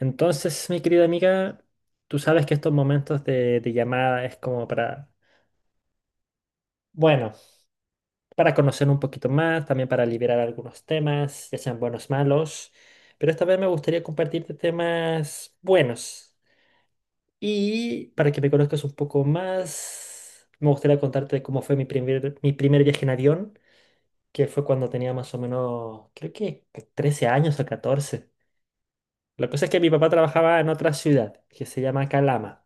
Entonces, mi querida amiga, tú sabes que estos momentos de llamada es como para, bueno, para conocer un poquito más, también para liberar algunos temas, ya sean buenos malos, pero esta vez me gustaría compartirte temas buenos. Y para que me conozcas un poco más, me gustaría contarte cómo fue mi primer viaje en avión, que fue cuando tenía más o menos, creo que 13 años o 14. La cosa es que mi papá trabajaba en otra ciudad, que se llama Calama,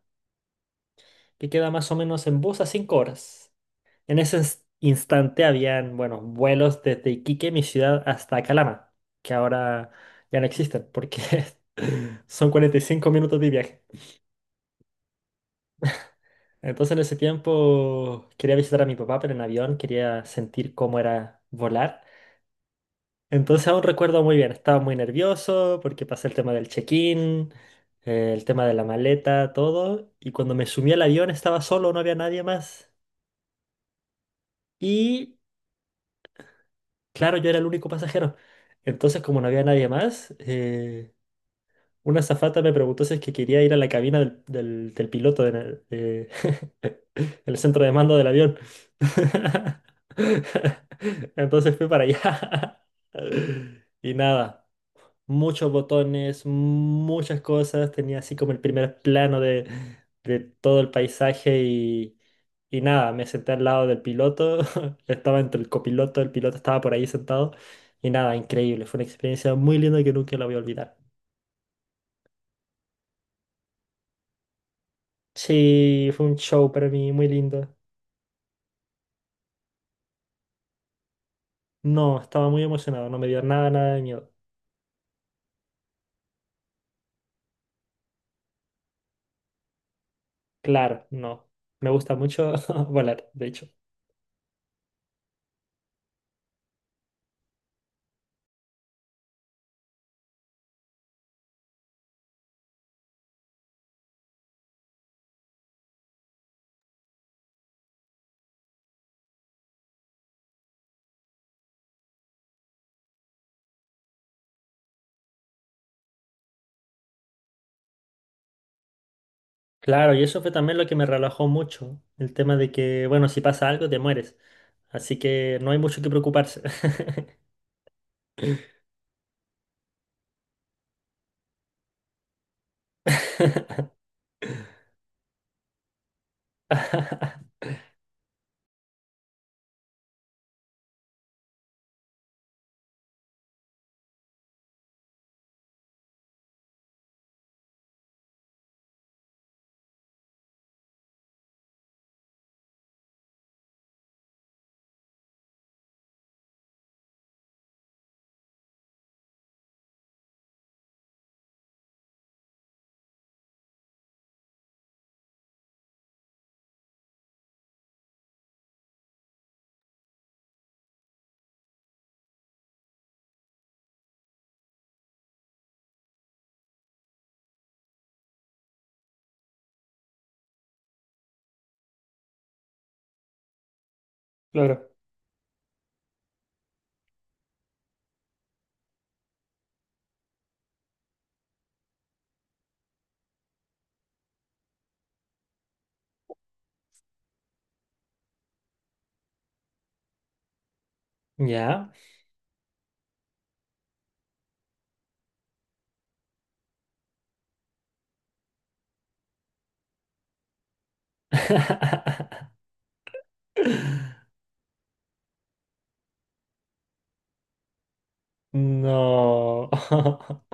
que queda más o menos en bus a 5 horas. En ese instante habían, bueno, vuelos desde Iquique, mi ciudad, hasta Calama, que ahora ya no existen porque son 45 minutos de viaje. Entonces, en ese tiempo quería visitar a mi papá, pero en avión quería sentir cómo era volar. Entonces, aún recuerdo muy bien, estaba muy nervioso porque pasé el tema del check-in, el tema de la maleta, todo. Y cuando me sumí al avión estaba solo, no había nadie más. Y Claro, yo era el único pasajero. Entonces, como no había nadie más, una azafata me preguntó si es que quería ir a la cabina del piloto, de- el centro de mando del avión. Entonces fui para allá. Y nada, muchos botones, muchas cosas. Tenía así como el primer plano de todo el paisaje y nada, me senté al lado del piloto. Estaba entre el copiloto, el piloto estaba por ahí sentado. Y nada, increíble. Fue una experiencia muy linda que nunca la voy a olvidar. Sí, fue un show para mí muy lindo. No, estaba muy emocionado, no me dio nada, nada de miedo. Claro, no. Me gusta mucho volar, de hecho. Claro, y eso fue también lo que me relajó mucho, el tema de que, bueno, si pasa algo, te mueres. Así que no hay mucho que preocuparse. Claro. ¿Ya? No.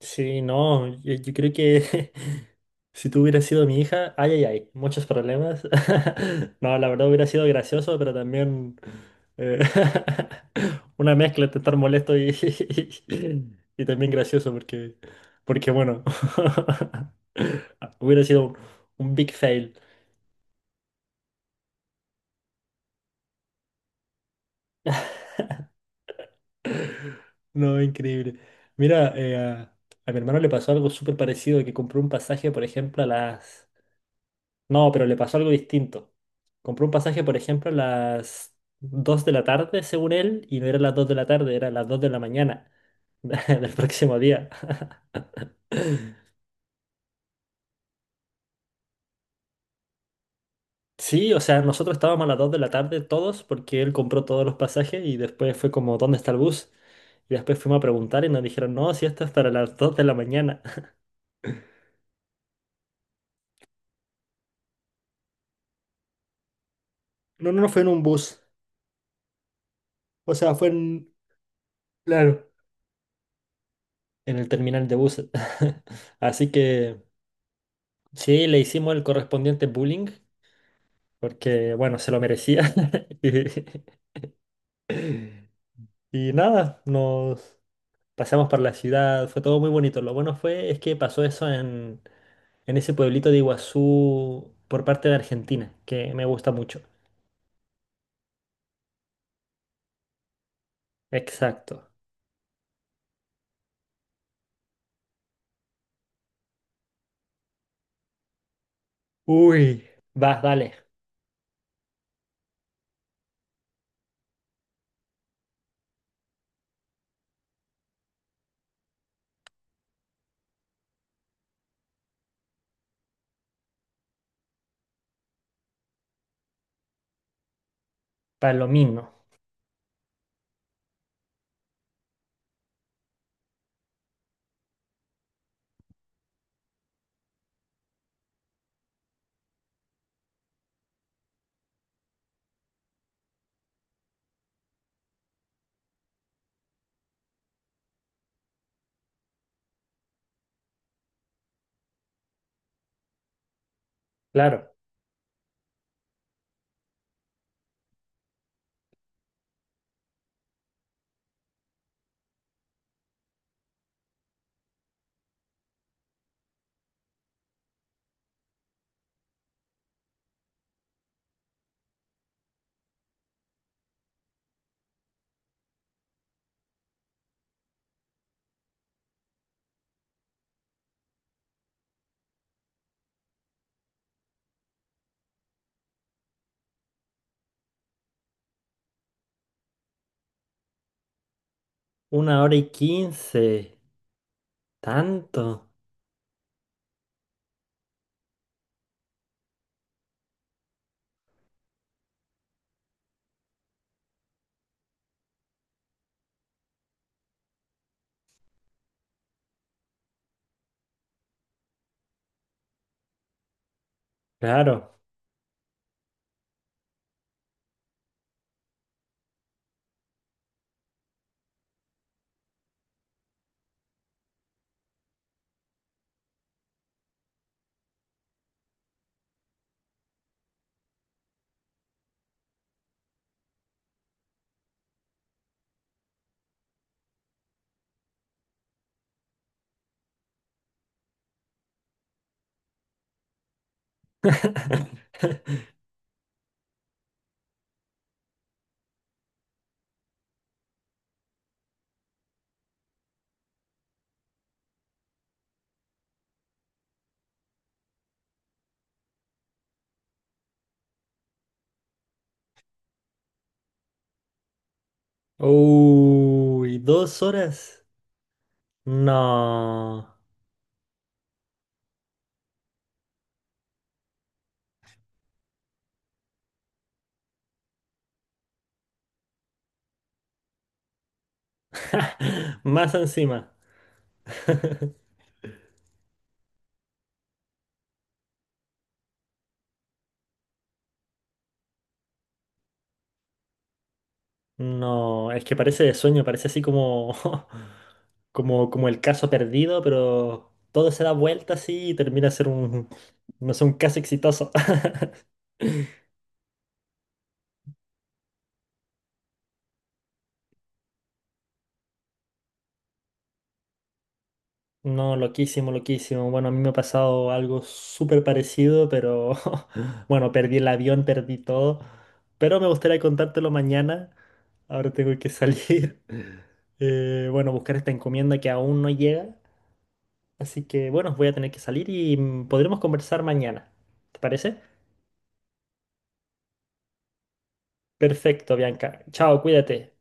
Sí, no, yo creo que si tú hubieras sido mi hija, ay, ay, ay, muchos problemas. No, la verdad hubiera sido gracioso, pero también eh, una mezcla entre estar molesto y, y también gracioso, porque, porque bueno, hubiera sido un big fail. No, increíble. Mira, a mi hermano le pasó algo súper parecido, que compró un pasaje, por ejemplo, a las... No, pero le pasó algo distinto. Compró un pasaje, por ejemplo, a las 2 de la tarde, según él, y no era las 2 de la tarde, era las 2 de la mañana del próximo día. Sí, o sea, nosotros estábamos a las 2 de la tarde todos porque él compró todos los pasajes y después fue como, ¿dónde está el bus? Y después fuimos a preguntar y nos dijeron, no, si esto es para las 2 de la mañana. No, no, no fue en un bus. O sea, fue en... Claro. En el terminal de buses. Así que sí, le hicimos el correspondiente bullying porque, bueno, se lo merecía. Y nada, nos pasamos por la ciudad, fue todo muy bonito. Lo bueno fue es que pasó eso en ese pueblito de Iguazú por parte de Argentina, que me gusta mucho. Exacto. Uy, vas, dale. Palomino. Claro. Una hora y quince. Tanto. Claro. Uy, 2 horas. No. Más encima. No, es que parece de sueño, parece así como, como el caso perdido, pero todo se da vuelta así y termina ser un, no sé, un caso exitoso. No, loquísimo, loquísimo. Bueno, a mí me ha pasado algo súper parecido, pero bueno, perdí el avión, perdí todo. Pero me gustaría contártelo mañana. Ahora tengo que salir. Bueno, buscar esta encomienda que aún no llega. Así que bueno, voy a tener que salir y podremos conversar mañana. ¿Te parece? Perfecto, Bianca. Chao, cuídate.